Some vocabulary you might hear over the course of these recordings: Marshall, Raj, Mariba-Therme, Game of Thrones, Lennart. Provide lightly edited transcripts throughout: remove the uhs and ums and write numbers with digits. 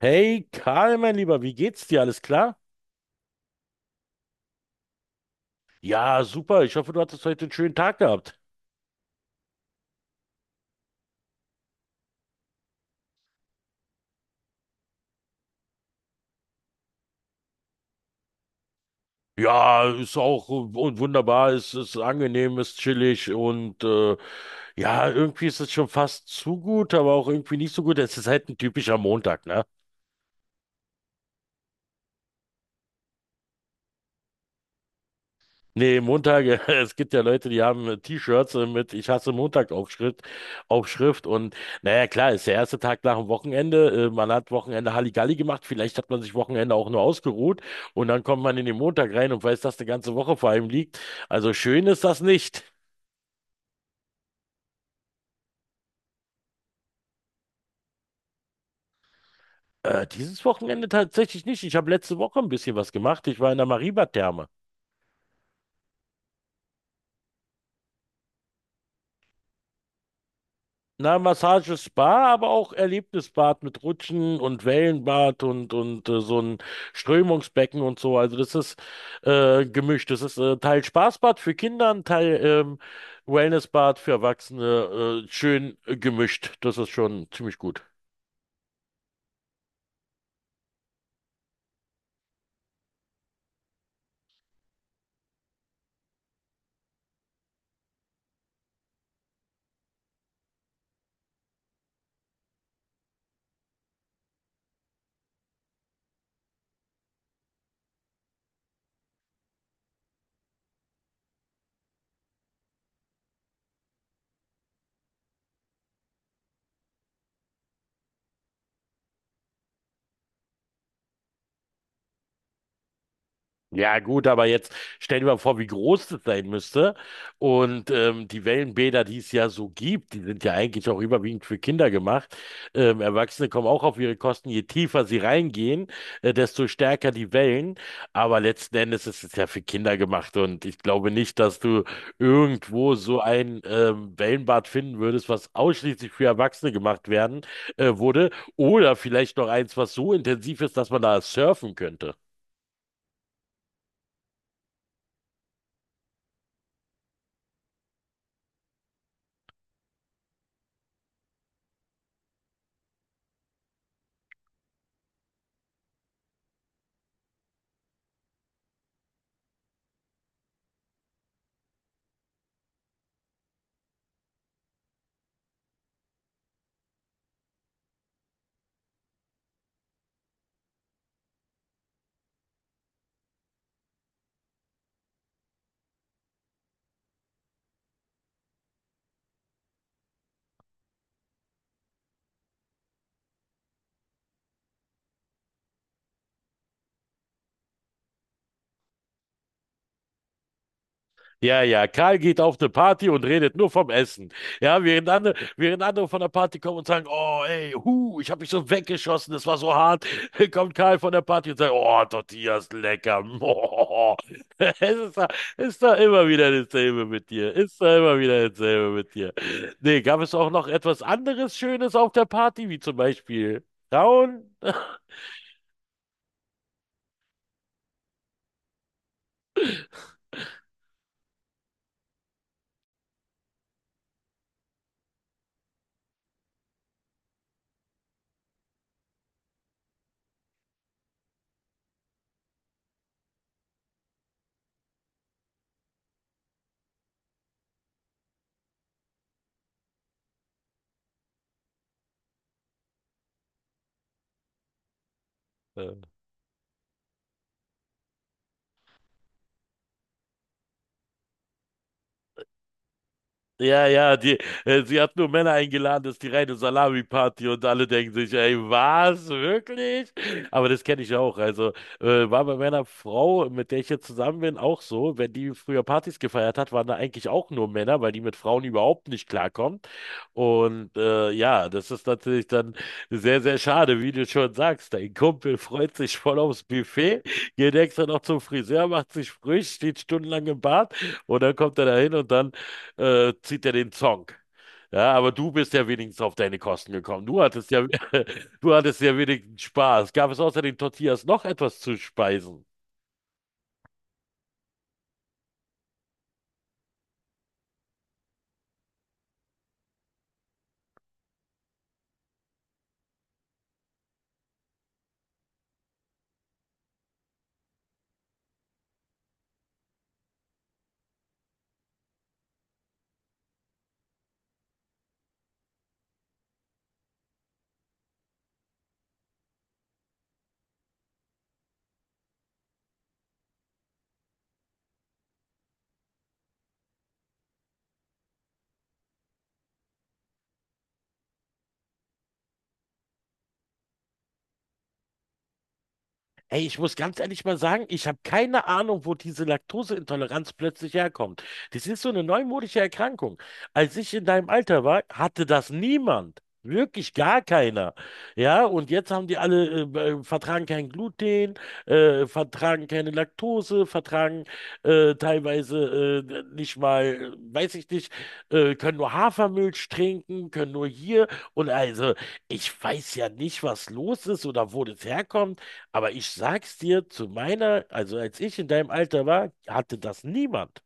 Hey Karl, mein Lieber, wie geht's dir? Alles klar? Ja, super. Ich hoffe, du hattest heute einen schönen Tag gehabt. Ja, ist auch wunderbar, ist angenehm, ist chillig und ja, irgendwie ist es schon fast zu gut, aber auch irgendwie nicht so gut. Es ist halt ein typischer Montag, ne? Nee, Montag, es gibt ja Leute, die haben T-Shirts mit "Ich hasse Montag" Aufschrift und naja, klar, ist der erste Tag nach dem Wochenende, man hat Wochenende Halligalli gemacht, vielleicht hat man sich Wochenende auch nur ausgeruht und dann kommt man in den Montag rein und weiß, dass die ganze Woche vor einem liegt. Also schön ist das nicht. Dieses Wochenende tatsächlich nicht. Ich habe letzte Woche ein bisschen was gemacht. Ich war in der Mariba-Therme. Na, Massage, Spa, aber auch Erlebnisbad mit Rutschen und Wellenbad und so ein Strömungsbecken und so. Also das ist gemischt. Das ist Teil Spaßbad für Kinder, ein Teil Wellnessbad für Erwachsene. Schön gemischt. Das ist schon ziemlich gut. Ja, gut, aber jetzt stell dir mal vor, wie groß das sein müsste. Und die Wellenbäder, die es ja so gibt, die sind ja eigentlich auch überwiegend für Kinder gemacht. Erwachsene kommen auch auf ihre Kosten. Je tiefer sie reingehen, desto stärker die Wellen. Aber letzten Endes ist es ja für Kinder gemacht. Und ich glaube nicht, dass du irgendwo so ein Wellenbad finden würdest, was ausschließlich für Erwachsene gemacht werden wurde. Oder vielleicht noch eins, was so intensiv ist, dass man da surfen könnte. Ja, ja, Karl geht auf eine Party und redet nur vom Essen. Ja, während andere von der Party kommen und sagen, oh, ey, hu, ich habe mich so weggeschossen, das war so hart, kommt Karl von der Party und sagt, oh, Tortillas, lecker. Es ist da immer wieder dasselbe mit dir. Ist da immer wieder dasselbe mit dir. Nee, gab es auch noch etwas anderes Schönes auf der Party, wie zum Beispiel Frauen? Ja, ja, die, sie hat nur Männer eingeladen, das ist die reine Salami-Party und alle denken sich, ey, was, wirklich? Aber das kenne ich auch. Also war bei meiner Frau, mit der ich jetzt zusammen bin, auch so. Wenn die früher Partys gefeiert hat, waren da eigentlich auch nur Männer, weil die mit Frauen überhaupt nicht klarkommt. Und ja, das ist natürlich dann sehr, sehr schade, wie du schon sagst. Dein Kumpel freut sich voll aufs Buffet, geht extra noch zum Friseur, macht sich frisch, steht stundenlang im Bad und dann kommt er da hin und dann zieht er den Zong. Ja, aber du bist ja wenigstens auf deine Kosten gekommen. Du hattest ja, du hattest ja wenigstens Spaß. Gab es außer den Tortillas noch etwas zu speisen? Ey, ich muss ganz ehrlich mal sagen, ich habe keine Ahnung, wo diese Laktoseintoleranz plötzlich herkommt. Das ist so eine neumodische Erkrankung. Als ich in deinem Alter war, hatte das niemand. Wirklich gar keiner. Ja, und jetzt haben die alle, vertragen kein Gluten, vertragen keine Laktose, vertragen teilweise nicht mal, weiß ich nicht, können nur Hafermilch trinken, können nur hier. Und also, ich weiß ja nicht, was los ist oder wo das herkommt. Aber ich sag's dir, zu meiner, also als ich in deinem Alter war, hatte das niemand.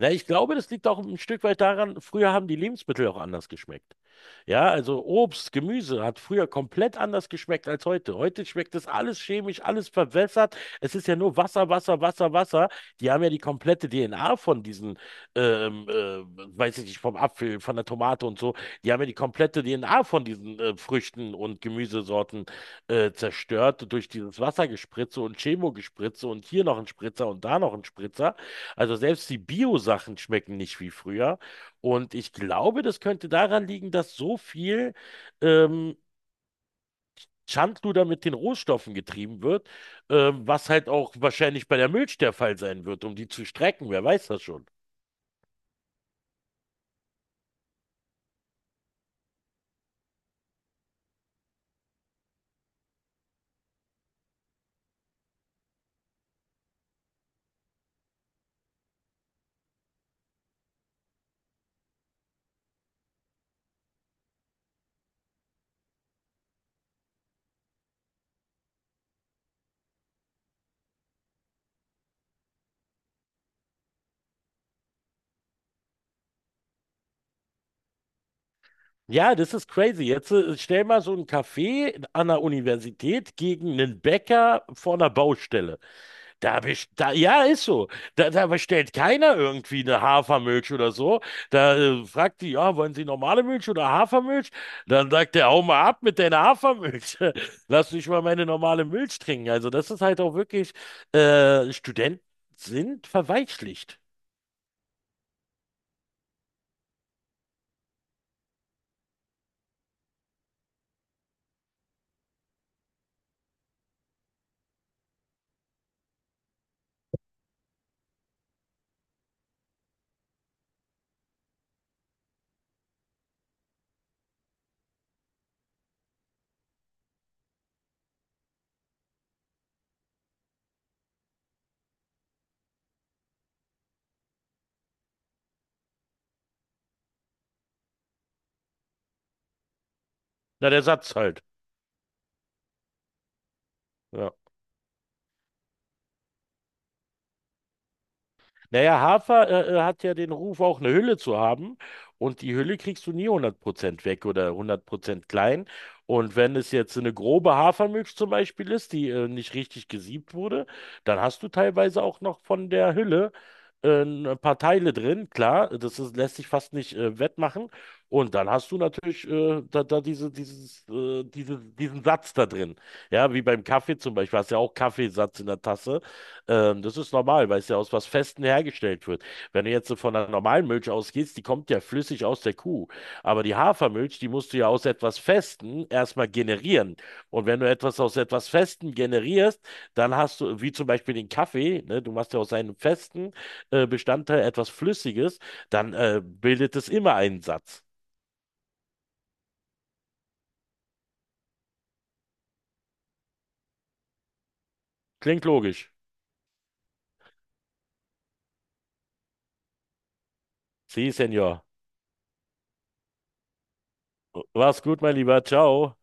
Na, ich glaube, das liegt auch ein Stück weit daran, früher haben die Lebensmittel auch anders geschmeckt. Ja, also Obst, Gemüse hat früher komplett anders geschmeckt als heute. Heute schmeckt das alles chemisch, alles verwässert. Es ist ja nur Wasser, Wasser, Wasser, Wasser. Die haben ja die komplette DNA von diesen, ähm, äh, weiß ich nicht, vom Apfel, von der Tomate und so. Die haben ja die komplette DNA von diesen Früchten und Gemüsesorten zerstört durch dieses Wassergespritze und Chemogespritze und hier noch ein Spritzer und da noch ein Spritzer. Also selbst die Bio-Sachen schmecken nicht wie früher. Und ich glaube, das könnte daran liegen, dass so viel ähm, Schindluder mit den Rohstoffen getrieben wird, was halt auch wahrscheinlich bei der Milch der Fall sein wird, um die zu strecken. Wer weiß das schon? Ja, das ist crazy. Jetzt stell mal so einen Café an der Universität gegen einen Bäcker vor einer Baustelle. Da best da ja, ist so. Da bestellt keiner irgendwie eine Hafermilch oder so. Da fragt die, ja, wollen Sie normale Milch oder Hafermilch? Dann sagt der, hau mal ab mit deiner Hafermilch. Lass mich mal meine normale Milch trinken. Also das ist halt auch wirklich, Studenten sind verweichlicht. Na, der Satz halt. Ja. Naja, Hafer hat ja den Ruf, auch eine Hülle zu haben. Und die Hülle kriegst du nie 100% weg oder 100% klein. Und wenn es jetzt eine grobe Hafermilch zum Beispiel ist, die nicht richtig gesiebt wurde, dann hast du teilweise auch noch von der Hülle ein paar Teile drin. Klar, das ist, lässt sich fast nicht wettmachen. Und dann hast du natürlich da, da diese, dieses, diese, diesen Satz da drin. Ja, wie beim Kaffee zum Beispiel, hast ja auch Kaffeesatz in der Tasse. Das ist normal, weil es ja aus was Festem hergestellt wird. Wenn du jetzt so von einer normalen Milch ausgehst, die kommt ja flüssig aus der Kuh. Aber die Hafermilch, die musst du ja aus etwas Festem erstmal generieren. Und wenn du etwas aus etwas Festem generierst, dann hast du, wie zum Beispiel den Kaffee, ne, du machst ja aus einem festen Bestandteil etwas Flüssiges, dann bildet es immer einen Satz. Klingt logisch. Sie, Senor. War's gut, mein Lieber. Ciao.